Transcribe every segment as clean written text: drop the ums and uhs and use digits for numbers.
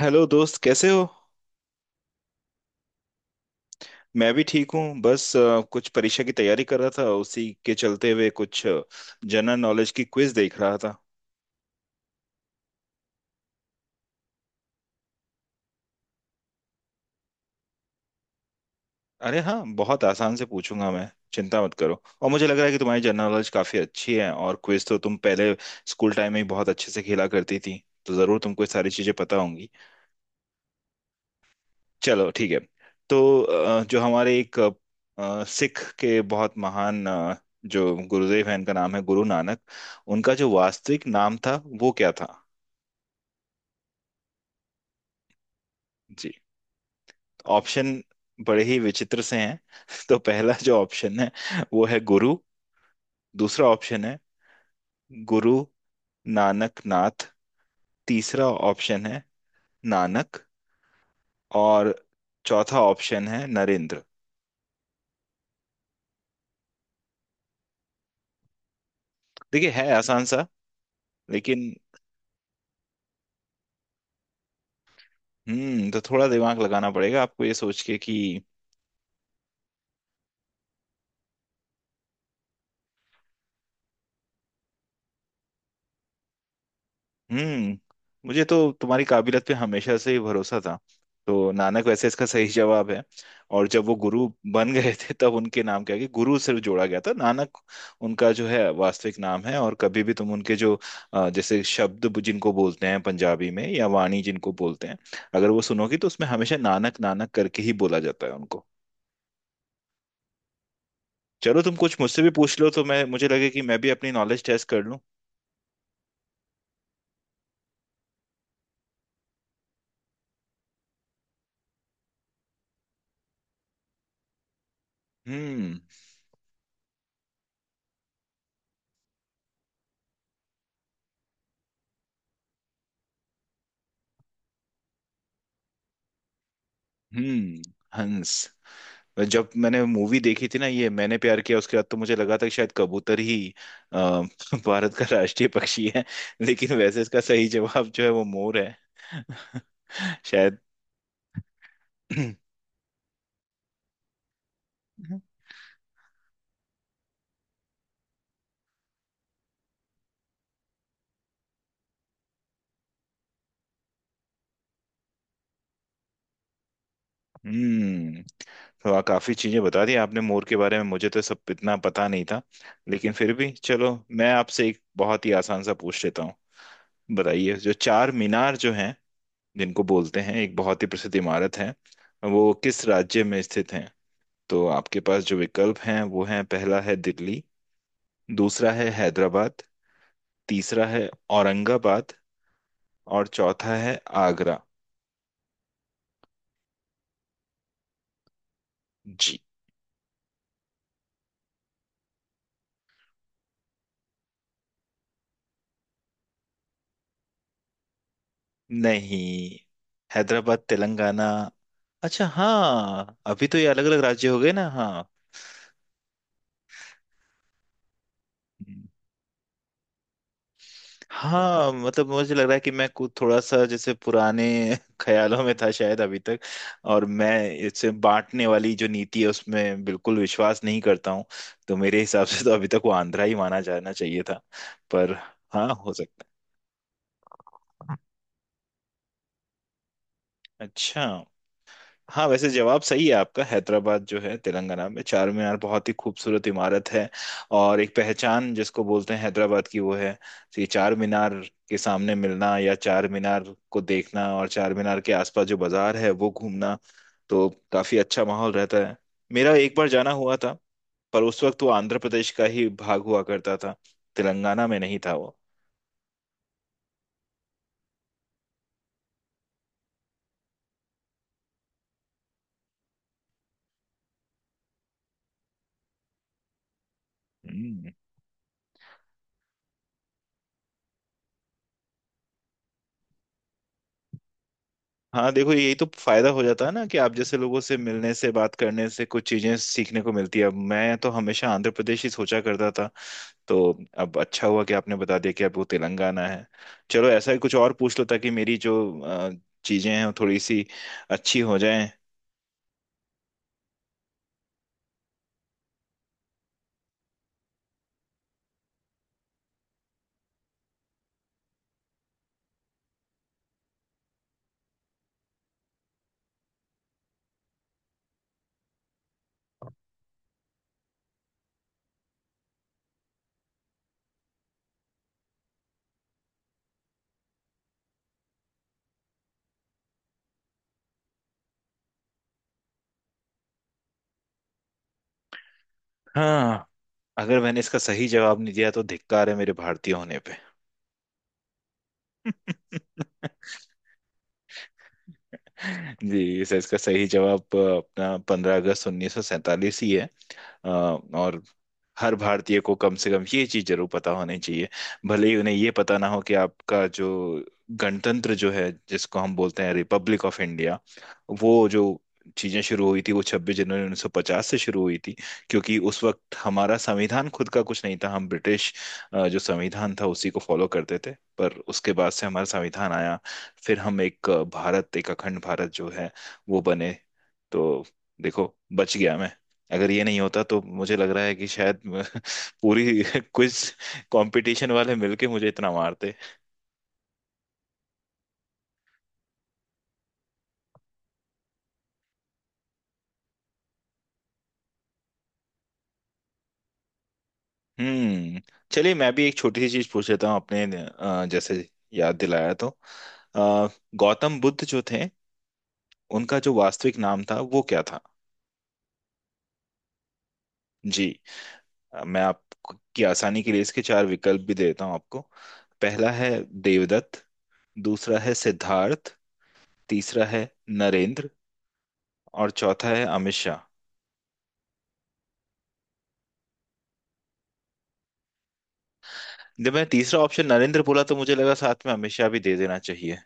Hello दोस्त, कैसे हो। मैं भी ठीक हूँ। बस कुछ परीक्षा की तैयारी कर रहा था, उसी के चलते हुए कुछ जनरल नॉलेज की क्विज देख रहा था। अरे हाँ, बहुत आसान से पूछूंगा। मैं, चिंता मत करो, और मुझे लग रहा है कि तुम्हारी जनरल नॉलेज काफी अच्छी है, और क्विज तो तुम पहले स्कूल टाइम में ही बहुत अच्छे से खेला करती थी, तो जरूर तुमको ये सारी चीजें पता होंगी। चलो ठीक है। तो जो हमारे एक सिख के बहुत महान जो गुरुदेव हैं, इनका नाम है गुरु नानक। उनका जो वास्तविक नाम था, वो क्या था? जी। ऑप्शन बड़े ही विचित्र से हैं। तो पहला जो ऑप्शन है वो है गुरु। दूसरा ऑप्शन है गुरु नानक नाथ। तीसरा ऑप्शन है नानक। और चौथा ऑप्शन है नरेंद्र। देखिए, है आसान सा, लेकिन तो थोड़ा दिमाग लगाना पड़ेगा आपको, ये सोच के कि। हम्म मुझे तो तुम्हारी काबिलियत पे हमेशा से ही भरोसा था। तो नानक वैसे इसका सही जवाब है। और जब वो गुरु बन गए थे, तब उनके नाम क्या कि गुरु सिर्फ जोड़ा गया था। नानक उनका जो है वास्तविक नाम है। और कभी भी तुम उनके जो जैसे शब्द जिनको बोलते हैं पंजाबी में, या वाणी जिनको बोलते हैं, अगर वो सुनोगी तो उसमें हमेशा नानक नानक करके ही बोला जाता है उनको। चलो, तुम कुछ मुझसे भी पूछ लो, तो मैं, मुझे लगे कि मैं भी अपनी नॉलेज टेस्ट कर लूं। हम्म, हम्म। हंस। जब मैंने मूवी देखी थी ना, ये मैंने प्यार किया, उसके बाद तो मुझे लगा था कि शायद कबूतर ही अ, भारत का राष्ट्रीय पक्षी है। लेकिन वैसे इसका सही जवाब जो है वो मोर है। शायद। हम्म तो काफी चीजें बता दी आपने मोर के बारे में, मुझे तो सब इतना पता नहीं था। लेकिन फिर भी चलो, मैं आपसे एक बहुत ही आसान सा पूछ लेता हूँ। बताइए, जो चार मीनार जो हैं, जिनको बोलते हैं, एक बहुत ही प्रसिद्ध इमारत है, वो किस राज्य में स्थित है? तो आपके पास जो विकल्प हैं वो हैं, पहला है दिल्ली। दूसरा है हैदराबाद। तीसरा है औरंगाबाद। और चौथा है आगरा। जी। नहीं, हैदराबाद तेलंगाना। अच्छा, हाँ, अभी तो ये अलग अलग राज्य हो गए ना। हाँ। हाँ, मतलब मुझे लग रहा है कि मैं कुछ थोड़ा सा जैसे पुराने ख्यालों में था शायद अभी तक। और मैं, इससे बांटने वाली जो नीति है उसमें बिल्कुल विश्वास नहीं करता हूँ। तो मेरे हिसाब से तो अभी तक वो आंध्रा ही माना जाना चाहिए था। पर हाँ, हो सकता है। अच्छा। हाँ, वैसे जवाब सही है आपका। हैदराबाद जो है तेलंगाना में, चार मीनार बहुत ही खूबसूरत इमारत है, और एक पहचान जिसको बोलते हैं हैदराबाद की, वो है। तो ये चार मीनार के सामने मिलना, या चार मीनार को देखना, और चार मीनार के आसपास जो बाजार है वो घूमना, तो काफी अच्छा माहौल रहता है। मेरा एक बार जाना हुआ था। पर उस वक्त वो आंध्र प्रदेश का ही भाग हुआ करता था, तेलंगाना में नहीं था वो। हम्म। हाँ देखो, यही तो फायदा हो जाता है ना कि आप जैसे लोगों से मिलने से, बात करने से, कुछ चीजें सीखने को मिलती है। अब मैं तो हमेशा आंध्र प्रदेश ही सोचा करता था, तो अब अच्छा हुआ कि आपने बता दिया कि आपको तेलंगाना है। चलो, ऐसा ही कुछ और पूछ लो ताकि मेरी जो अ, चीजें हैं वो थोड़ी सी अच्छी हो जाएं। हाँ, अगर मैंने इसका सही जवाब नहीं दिया तो धिक्कार है मेरे भारतीय होने पे। जी सर, इसका सही जवाब अपना 15 अगस्त 1947 ही है। और हर भारतीय को कम से कम ये चीज जरूर पता होनी चाहिए। भले ही उन्हें ये पता ना हो कि आपका जो गणतंत्र जो है, जिसको हम बोलते हैं रिपब्लिक ऑफ इंडिया, वो जो चीजें शुरू हुई थी, वो 26 जनवरी 1950 से शुरू हुई थी। क्योंकि उस वक्त हमारा संविधान खुद का कुछ नहीं था, हम ब्रिटिश जो संविधान था उसी को फॉलो करते थे। पर उसके बाद से हमारा संविधान आया, फिर हम एक भारत, एक अखंड भारत जो है, वो बने। तो देखो, बच गया मैं। अगर ये नहीं होता तो मुझे लग रहा है कि शायद पूरी क्विज कंपटीशन वाले मिलके मुझे इतना मारते। हम्म चलिए, मैं भी एक छोटी सी चीज पूछ लेता हूँ। अपने जैसे याद दिलाया तो, अ, गौतम बुद्ध जो थे, उनका जो वास्तविक नाम था वो क्या था? जी। मैं आपकी आसानी के लिए इसके चार विकल्प भी देता हूँ आपको। पहला है देवदत्त। दूसरा है सिद्धार्थ। तीसरा है नरेंद्र। और चौथा है अमित शाह। जब मैंने तीसरा ऑप्शन नरेंद्र बोला, तो मुझे लगा साथ में अमित शाह भी दे देना चाहिए।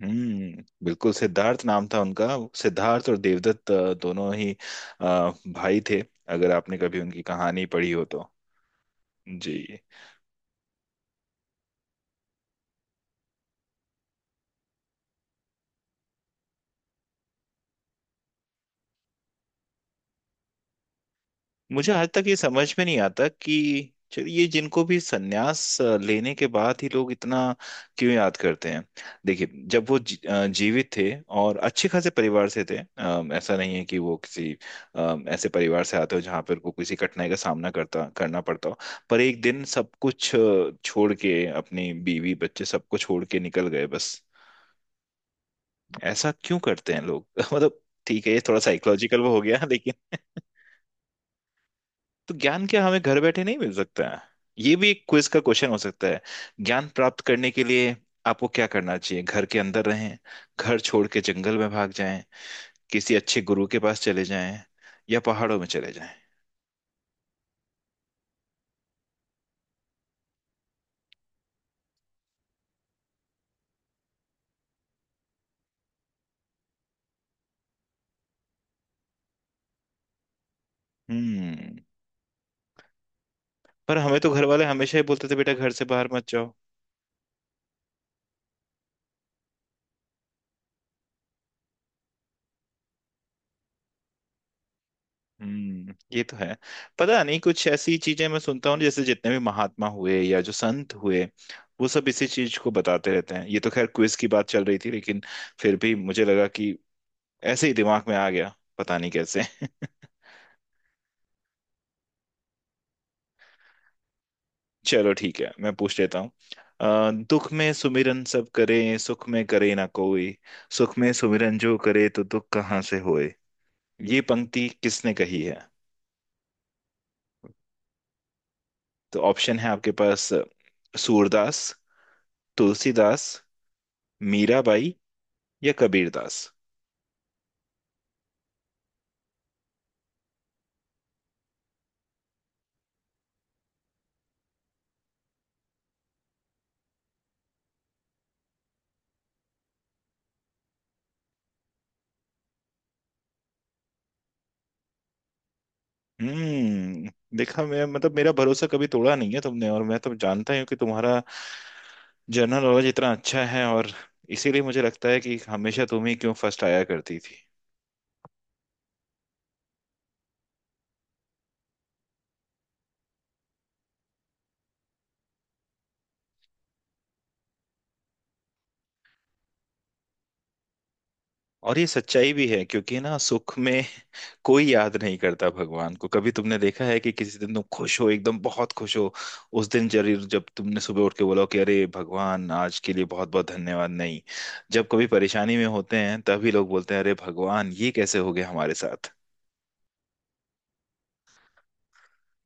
बिल्कुल, सिद्धार्थ नाम था उनका। सिद्धार्थ और देवदत्त दोनों ही अ, भाई थे, अगर आपने कभी उनकी कहानी पढ़ी हो तो। जी। मुझे आज तक ये समझ में नहीं आता कि चलिए, ये जिनको भी सन्यास लेने के बाद ही लोग इतना क्यों याद करते हैं। देखिए, जब वो जीवित थे और अच्छे खासे परिवार से थे, ऐसा नहीं है कि वो किसी ऐसे परिवार से आते हो जहाँ पर को किसी कठिनाई का सामना करता करना पड़ता हो। पर एक दिन सब कुछ छोड़ के, अपनी बीवी बच्चे सबको छोड़ के निकल गए। बस ऐसा क्यों करते हैं लोग? मतलब ठीक है, ये थोड़ा साइकोलॉजिकल वो हो गया, लेकिन। तो ज्ञान क्या हमें घर बैठे नहीं मिल सकता है? ये भी एक क्विज का क्वेश्चन हो सकता है। ज्ञान प्राप्त करने के लिए आपको क्या करना चाहिए? घर के अंदर रहें, घर छोड़ के जंगल में भाग जाएं, किसी अच्छे गुरु के पास चले जाएं, या पहाड़ों में चले जाएं। हम्म पर हमें तो घर वाले हमेशा ही बोलते थे, बेटा घर से बाहर मत जाओ। ये तो है। पता नहीं, कुछ ऐसी चीजें मैं सुनता हूँ, जैसे जितने भी महात्मा हुए, या जो संत हुए, वो सब इसी चीज को बताते रहते हैं। ये तो खैर क्विज की बात चल रही थी, लेकिन फिर भी मुझे लगा कि, ऐसे ही दिमाग में आ गया पता नहीं कैसे। चलो ठीक है, मैं पूछ लेता हूँ। दुख में सुमिरन सब करें, सुख में करे ना कोई। सुख में सुमिरन जो करे तो दुख कहाँ से होए। ये पंक्ति किसने कही है? तो ऑप्शन है आपके पास, सूरदास, तुलसीदास, मीराबाई, या कबीरदास। हम्म देखा, मैं मतलब, मेरा भरोसा कभी तोड़ा नहीं है तुमने, और मैं तो जानता ही हूँ कि तुम्हारा जनरल नॉलेज इतना अच्छा है, और इसीलिए मुझे लगता है कि हमेशा तुम ही क्यों फर्स्ट आया करती थी। और ये सच्चाई भी है, क्योंकि ना, सुख में कोई याद नहीं करता भगवान को। कभी तुमने देखा है कि किसी दिन तुम खुश हो, एकदम बहुत खुश हो, उस दिन जरूर, जब तुमने सुबह उठ के बोला हो कि, अरे भगवान आज के लिए बहुत बहुत धन्यवाद? नहीं, जब कभी परेशानी में होते हैं तभी लोग बोलते हैं, अरे भगवान ये कैसे हो गया हमारे साथ।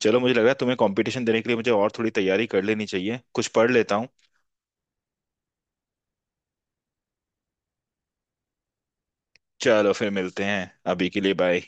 चलो, मुझे लग रहा है तुम्हें कंपटीशन देने के लिए मुझे और थोड़ी तैयारी कर लेनी चाहिए, कुछ पढ़ लेता हूँ। चलो, फिर मिलते हैं, अभी के लिए बाय।